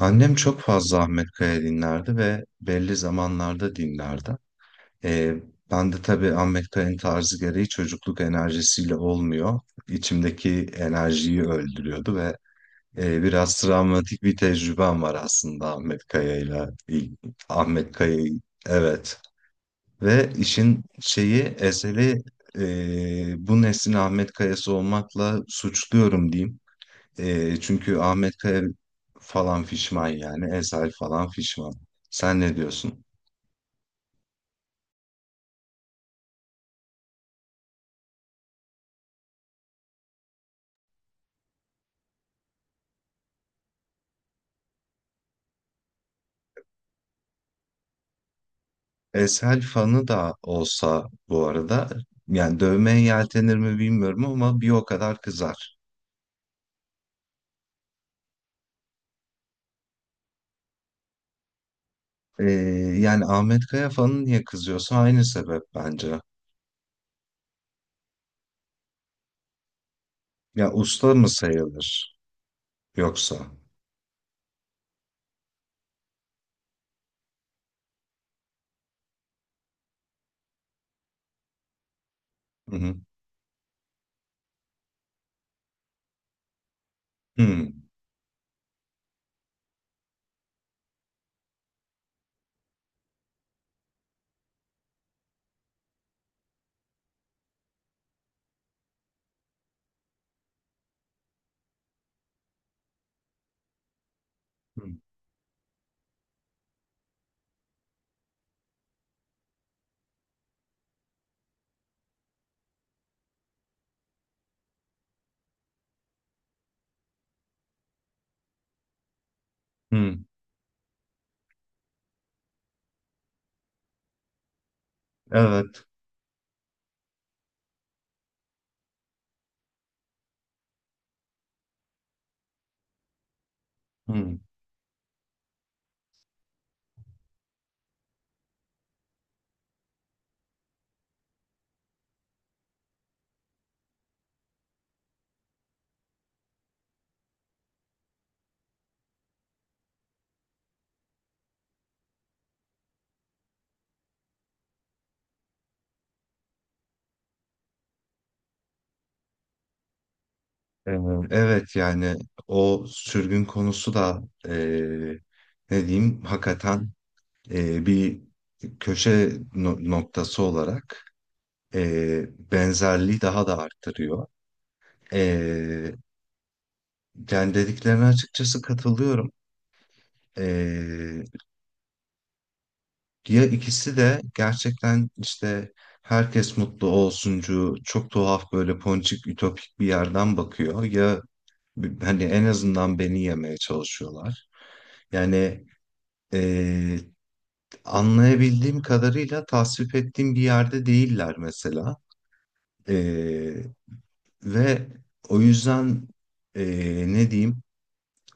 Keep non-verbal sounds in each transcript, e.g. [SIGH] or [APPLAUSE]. Annem çok fazla Ahmet Kaya dinlerdi ve belli zamanlarda dinlerdi. Ee, Ben de tabii Ahmet Kaya'nın tarzı gereği çocukluk enerjisiyle olmuyor. İçimdeki enerjiyi öldürüyordu ve biraz travmatik bir tecrübem var aslında Ahmet Kaya'yla. Ahmet Kaya'yı, evet. Ve işin şeyi, eseri bu neslin Ahmet Kaya'sı olmakla suçluyorum diyeyim. Çünkü Ahmet Kaya falan fişman yani. Ezel falan fişman. Sen ne diyorsun? Ezel fanı da olsa bu arada yani dövmeye yeltenir mi bilmiyorum ama bir o kadar kızar. E, Yani Ahmet Kaya fanı niye kızıyorsa aynı sebep bence. Ya usta mı sayılır yoksa? Hı hı. Hı. Hı. Evet. Hmm. e, Evet yani, o sürgün konusu da, e, ne diyeyim hakikaten, bir köşe noktası olarak e, benzerliği daha da arttırıyor. E, Yani dediklerine açıkçası katılıyorum. E, Ya ikisi de gerçekten işte herkes mutlu olsuncu, çok tuhaf böyle ponçik ütopik bir yerden bakıyor ya, hani en azından beni yemeye çalışıyorlar. Yani. Ee, Anlayabildiğim kadarıyla tasvip ettiğim bir yerde değiller mesela. Ee, Ve o yüzden ne diyeyim,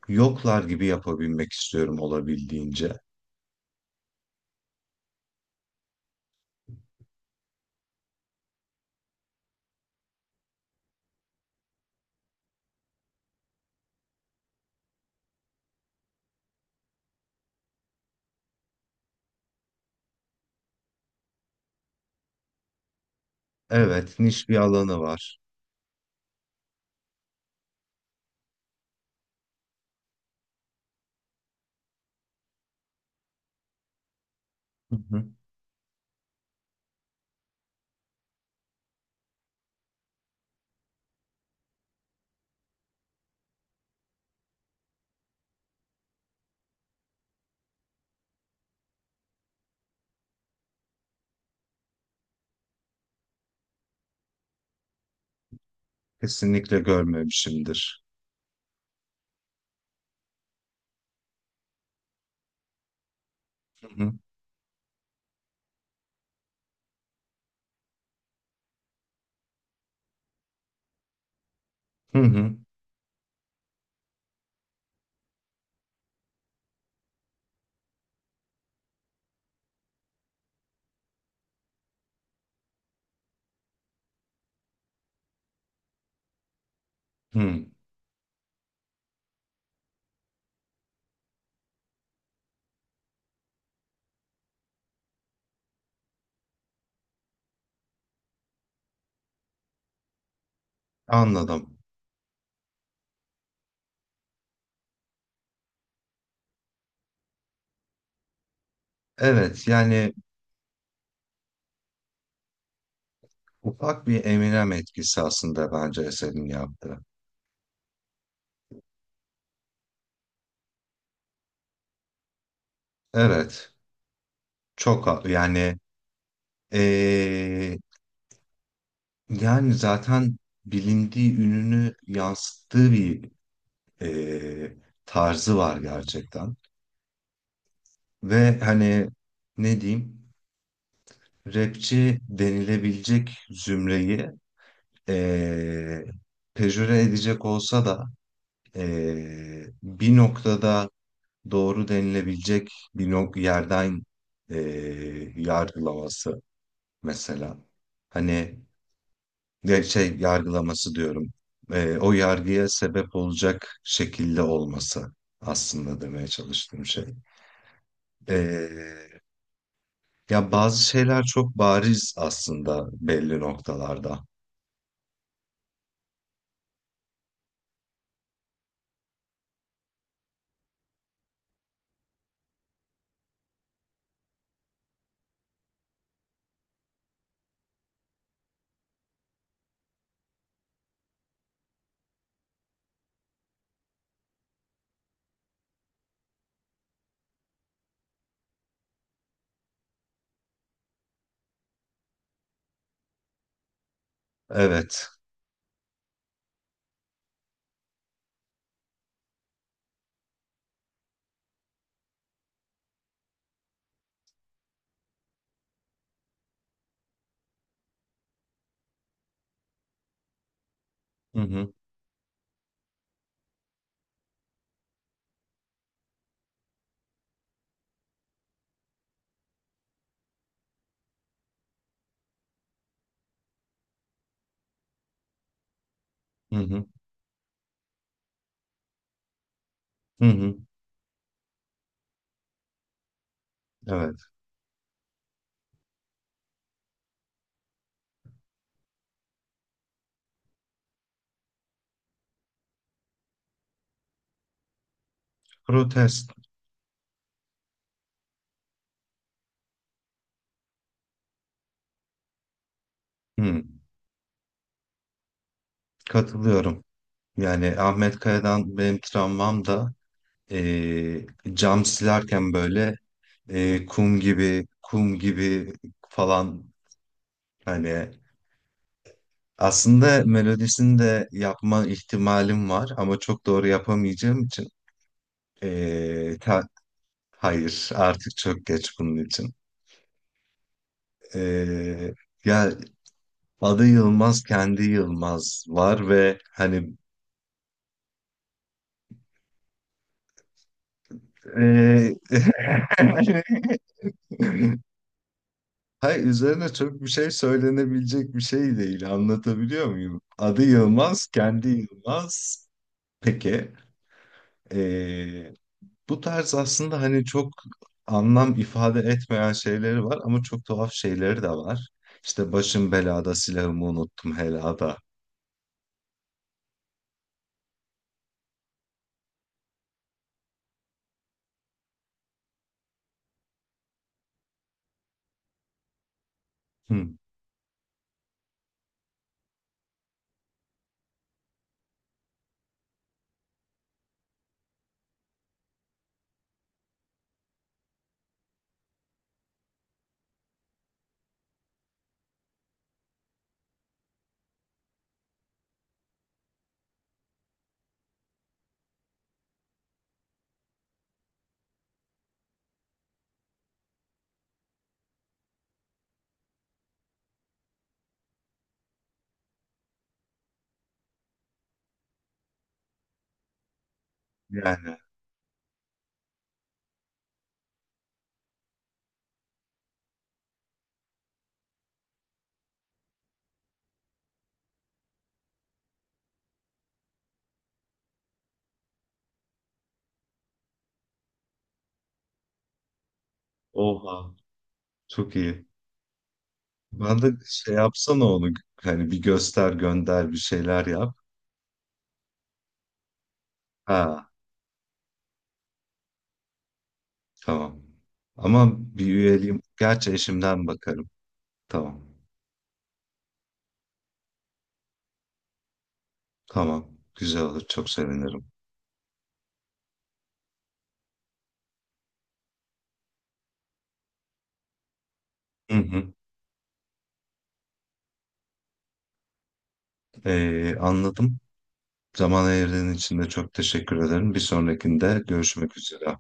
yoklar gibi yapabilmek istiyorum olabildiğince. Evet, niş bir alanı var. Hı hı. Kesinlikle görmemişimdir. Hı hı. Hı hı. Hı. Anladım. Evet, yani ufak bir Eminem etkisi aslında bence eserin yaptığı. Evet, çok yani, ee, yani zaten bilindiği ününü yansıttığı bir e, tarzı var gerçekten. Ve hani, ne diyeyim, rapçi denilebilecek zümreyi e, pejöre edecek olsa da, bir noktada doğru denilebilecek bir yerden e, yargılaması mesela. Hani, ya şey yargılaması diyorum. O yargıya sebep olacak şekilde olması, aslında demeye çalıştığım şey. Ee, Ya bazı şeyler çok bariz aslında belli noktalarda. Evet. Hı hı. Hı hı. Hı hı. Evet. Protest. Hı. Katılıyorum. Yani Ahmet Kaya'dan benim travmam da, ee, cam silerken böyle, kum gibi kum gibi falan hani. Aslında melodisini de yapma ihtimalim var ama çok doğru yapamayacağım için eee, ta- hayır artık çok geç bunun için. Eee, Ya, adı Yılmaz, kendi Yılmaz var ve hani eee [LAUGHS] hayır, üzerine çok bir şey söylenebilecek bir şey değil, anlatabiliyor muyum? Adı Yılmaz, kendi Yılmaz. Peki. Bu tarz aslında hani çok anlam ifade etmeyen şeyleri var ama çok tuhaf şeyleri de var. İşte başım belada, silahımı unuttum helada. Hı. Yani. Oha, çok iyi. Ben de şey yapsana onu, hani bir göster, gönder, bir şeyler yap. Ha, tamam. Ama bir üyeliğim gerçi, eşimden bakarım. Tamam. Tamam. Güzel olur, çok sevinirim. Hı hı. Anladım. Zaman ayırdığın için de çok teşekkür ederim. Bir sonrakinde görüşmek üzere.